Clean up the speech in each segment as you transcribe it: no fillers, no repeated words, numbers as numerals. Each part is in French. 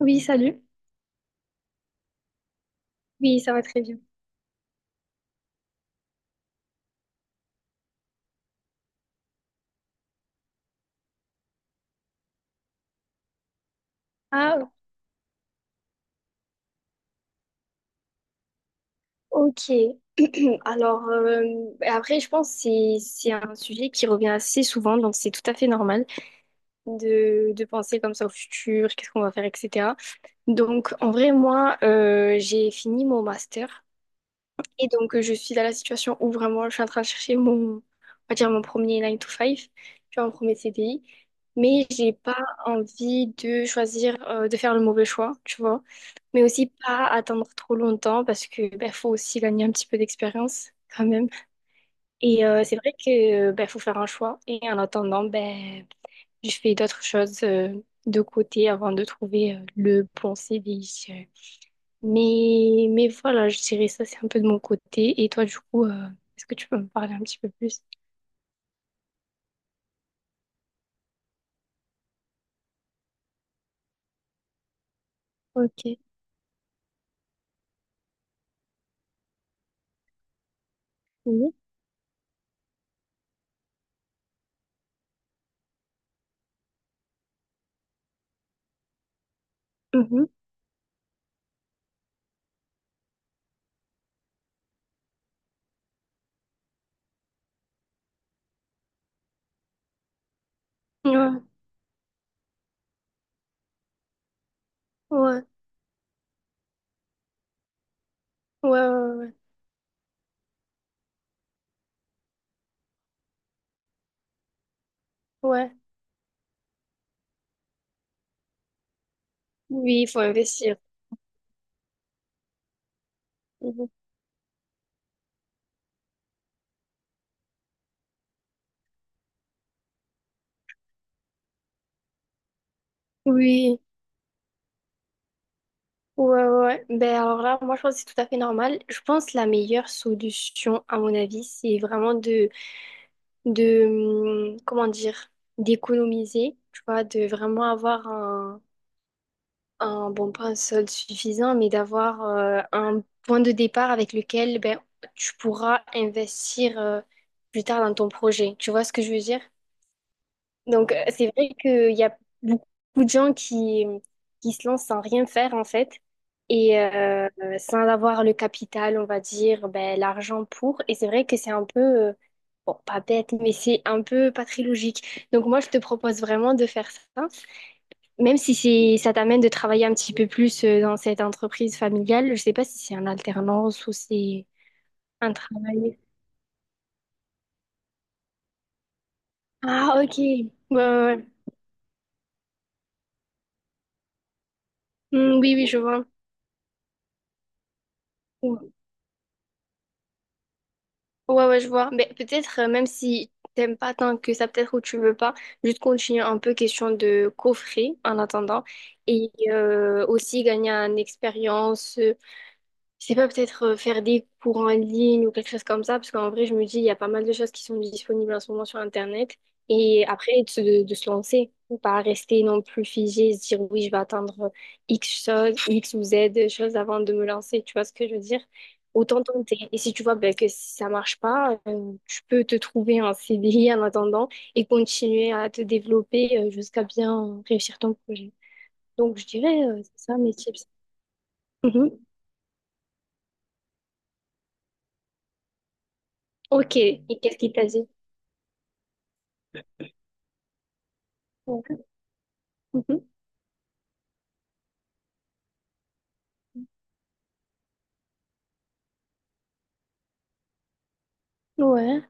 Oui, salut. Oui, ça va très bien. Ah, ok. Alors, après, je pense que c'est un sujet qui revient assez souvent, donc c'est tout à fait normal de penser comme ça au futur, qu'est-ce qu'on va faire, etc. Donc, en vrai, moi, j'ai fini mon master. Et donc, je suis dans la situation où vraiment je suis en train de chercher on va dire mon premier nine to five tu vois, mon premier CDI. Mais j'ai pas envie de choisir, de faire le mauvais choix, tu vois. Mais aussi pas attendre trop longtemps parce que ben, faut aussi gagner un petit peu d'expérience quand même. Et c'est vrai que ben, faut faire un choix. Et en attendant, ben, je fais d'autres choses de côté avant de trouver le bon CDI. Mais voilà, je dirais ça, c'est un peu de mon côté. Et toi, du coup, est-ce que tu peux me parler un petit peu plus? Ok. Oui. Mhm. Ouais, ouais, ouais, ouais, ouais. Ouais. Oui, il faut investir. Mhm. Oui, ouais, ouais. Ouais. Ben alors là, moi, je pense que c'est tout à fait normal. Je pense que la meilleure solution, à mon avis, c'est vraiment de, comment dire, d'économiser, tu vois, de vraiment avoir un bon, pas un solde suffisant, mais d'avoir un point de départ avec lequel ben, tu pourras investir plus tard dans ton projet. Tu vois ce que je veux dire? Donc, c'est vrai qu'il y a beaucoup de gens qui se lancent sans rien faire, en fait, et sans avoir le capital, on va dire, ben, l'argent pour. Et c'est vrai que c'est un peu, bon, pas bête, mais c'est un peu pas très logique. Donc, moi, je te propose vraiment de faire ça. Même si ça t'amène de travailler un petit peu plus dans cette entreprise familiale, je sais pas si c'est un alternance ou c'est un travail. Ah, ok. Ouais, ouais, ouais. Hmm, oui, oui, je vois. Ouais, ouais, ouais, je vois. Mais peut-être, même si t'aimes pas tant que ça, peut-être ou tu veux pas, juste continuer un peu question de coffrer en attendant et aussi gagner en expérience. Je sais pas, peut-être faire des cours en ligne ou quelque chose comme ça, parce qu'en vrai, je me dis, il y a pas mal de choses qui sont disponibles en ce moment sur Internet. Et après, de se lancer, ou pas rester non plus figé, se dire, oui, je vais attendre X choses X ou Z choses avant de me lancer. Tu vois ce que je veux dire? Autant tenter. Et si tu vois ben, que si ça marche pas, tu peux te trouver un CDI en attendant et continuer à te développer jusqu'à bien réussir ton projet. Donc, je dirais, c'est ça mes tips. Mhm. Ok. Et qu'est-ce qu'il t'a dit? Ouais. Mhm. Ouais,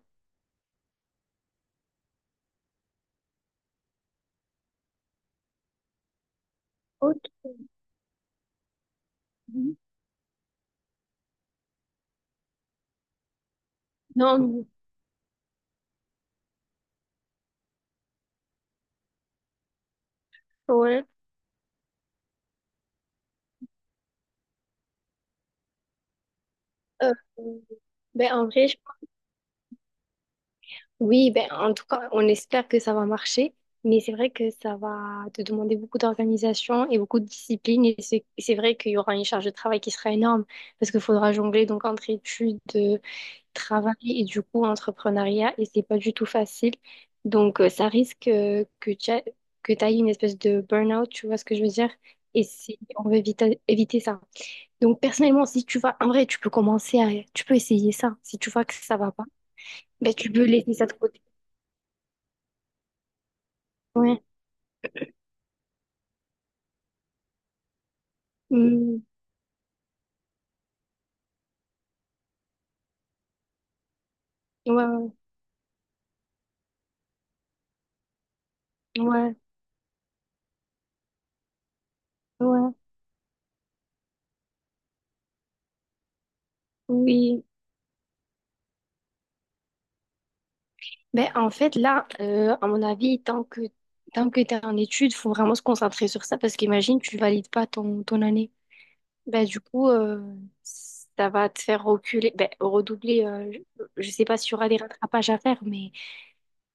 ok. Non, ouais. Euh, ben, en vrai, oui, ben, en tout cas, on espère que ça va marcher, mais c'est vrai que ça va te demander beaucoup d'organisation et beaucoup de discipline. Et c'est vrai qu'il y aura une charge de travail qui sera énorme parce qu'il faudra jongler donc entre études, travail et du coup entrepreneuriat, et c'est pas du tout facile. Donc, ça risque que que tu ailles une espèce de burn-out, tu vois ce que je veux dire? Et on veut éviter, ça. Donc, personnellement, si tu vas, en vrai, tu peux essayer ça. Si tu vois que ça va pas, ben, tu peux laisser ça de côté. Ouais. Hmm. Ouais, ouais, ouais, ouais, oui. Ben, en fait, là, à mon avis, tant que t'es en études, faut vraiment se concentrer sur ça parce qu'imagine, tu valides pas ton année. Ben, du coup, ça va te faire reculer, ben, redoubler. Je sais pas s'il y aura des rattrapages à faire, mais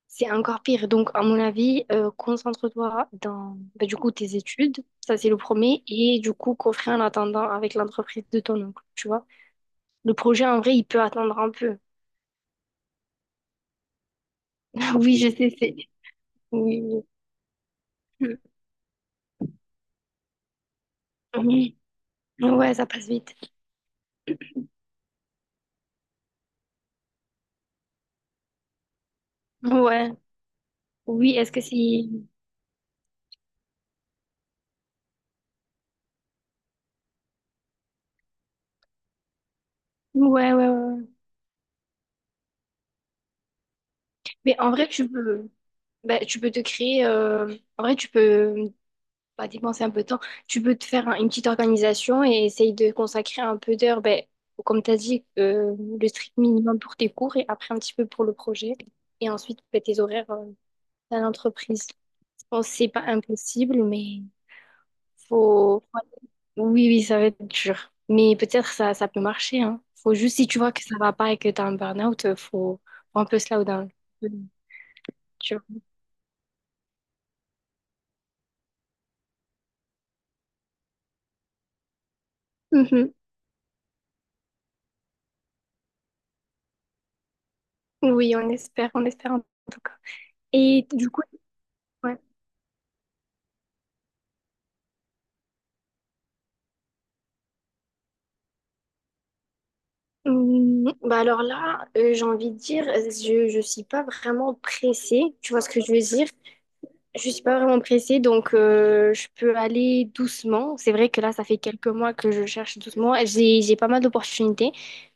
c'est encore pire. Donc, à mon avis, concentre-toi dans bah, du coup tes études, ça c'est le premier, et du coup coffrer en attendant avec l'entreprise de ton oncle, tu vois. Le projet en vrai, il peut attendre un peu. Oui, je sais, c'est. Oui. Oui. Ouais, ça passe vite. Ouais. Oui, est-ce que c'est. Ouais, ouais, ouais. Ouais. Mais en vrai, tu peux. Bah, tu peux te créer. En vrai, tu peux pas dépenser un peu de temps, tu peux te faire une petite organisation et essayer de consacrer un peu d'heures, ben, comme tu as dit, le strict minimum pour tes cours et après un petit peu pour le projet. Et ensuite, ben, tes horaires à l'entreprise. Je pense que c'est pas impossible, mais faut... Oui, oui, ça va être dur. Mais peut-être ça, ça peut marcher, hein. Faut juste, si tu vois que ça va pas et que tu as un burn-out, faut un peu slow down. Tu vois. Mhm. Oui, on espère en tout cas. Et du coup, ouais. Bah alors là, j'ai envie de dire, je ne suis pas vraiment pressée, tu vois ce que je veux dire? Je suis pas vraiment pressée, donc je peux aller doucement. C'est vrai que là, ça fait quelques mois que je cherche doucement. J'ai pas mal d'opportunités,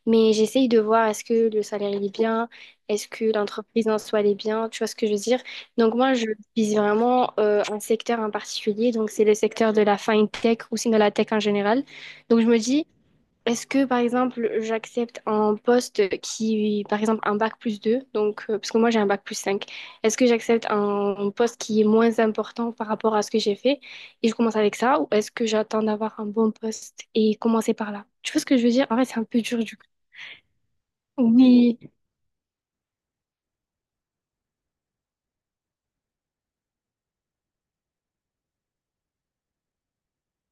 mais j'essaye de voir est-ce que le salaire il est bien, est-ce que l'entreprise en soi elle est bien, tu vois ce que je veux dire? Donc moi, je vise vraiment un secteur en particulier, donc c'est le secteur de la fintech ou sinon la tech en général. Donc je me dis, est-ce que, par exemple, j'accepte un poste qui, par exemple, un bac plus 2 donc, parce que moi j'ai un bac plus 5 est-ce que j'accepte un poste qui est moins important par rapport à ce que j'ai fait et je commence avec ça, ou est-ce que j'attends d'avoir un bon poste et commencer par là? Tu vois ce que je veux dire? En fait, c'est un peu dur du coup. Oui,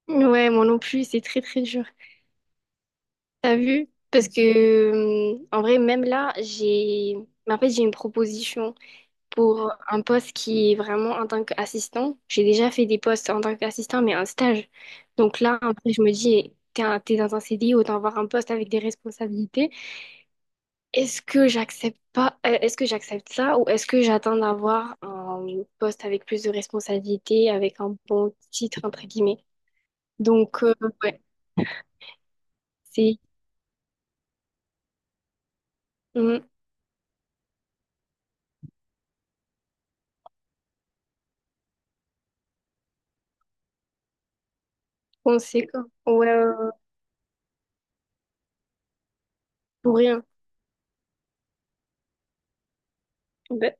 ouais, moi non plus, c'est très très dur. T'as vu? Parce que, en vrai, même là, mais en fait, j'ai une proposition pour un poste qui est vraiment en tant qu'assistant. J'ai déjà fait des postes en tant qu'assistant, mais en stage. Donc là, après, je me dis, t'es t'es dans un CDI, autant avoir un poste avec des responsabilités. Est-ce que j'accepte pas, est-ce que j'accepte ça ou est-ce que j'attends d'avoir un poste avec plus de responsabilités, avec un bon titre, entre guillemets. Donc, ouais, c'est mm, conséquent. Ouais, ouais, ouais, pour rien. Ben,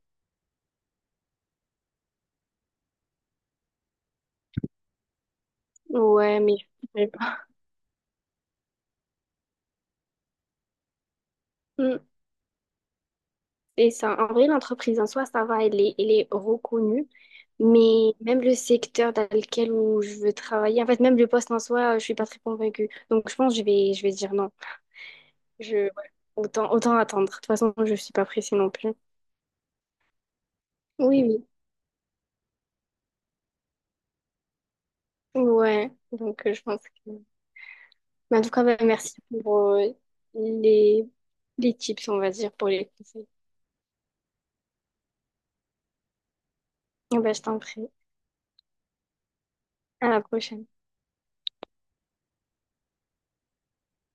ouais, mais je sais pas. Mm. C'est ça. En vrai, l'entreprise en soi, ça va, elle est, reconnue. Mais même le secteur dans lequel où je veux travailler, en fait, même le poste en soi, je suis pas très convaincue. Donc, je pense que je vais dire non. Je, ouais, autant, autant attendre. De toute façon, je suis pas pressée non plus. Oui, oui. Ouais. Donc, je pense que... Mais en tout cas, bah, merci pour les, les tips, on va dire, pour les conseils. Bah, je t'en prie. À la prochaine.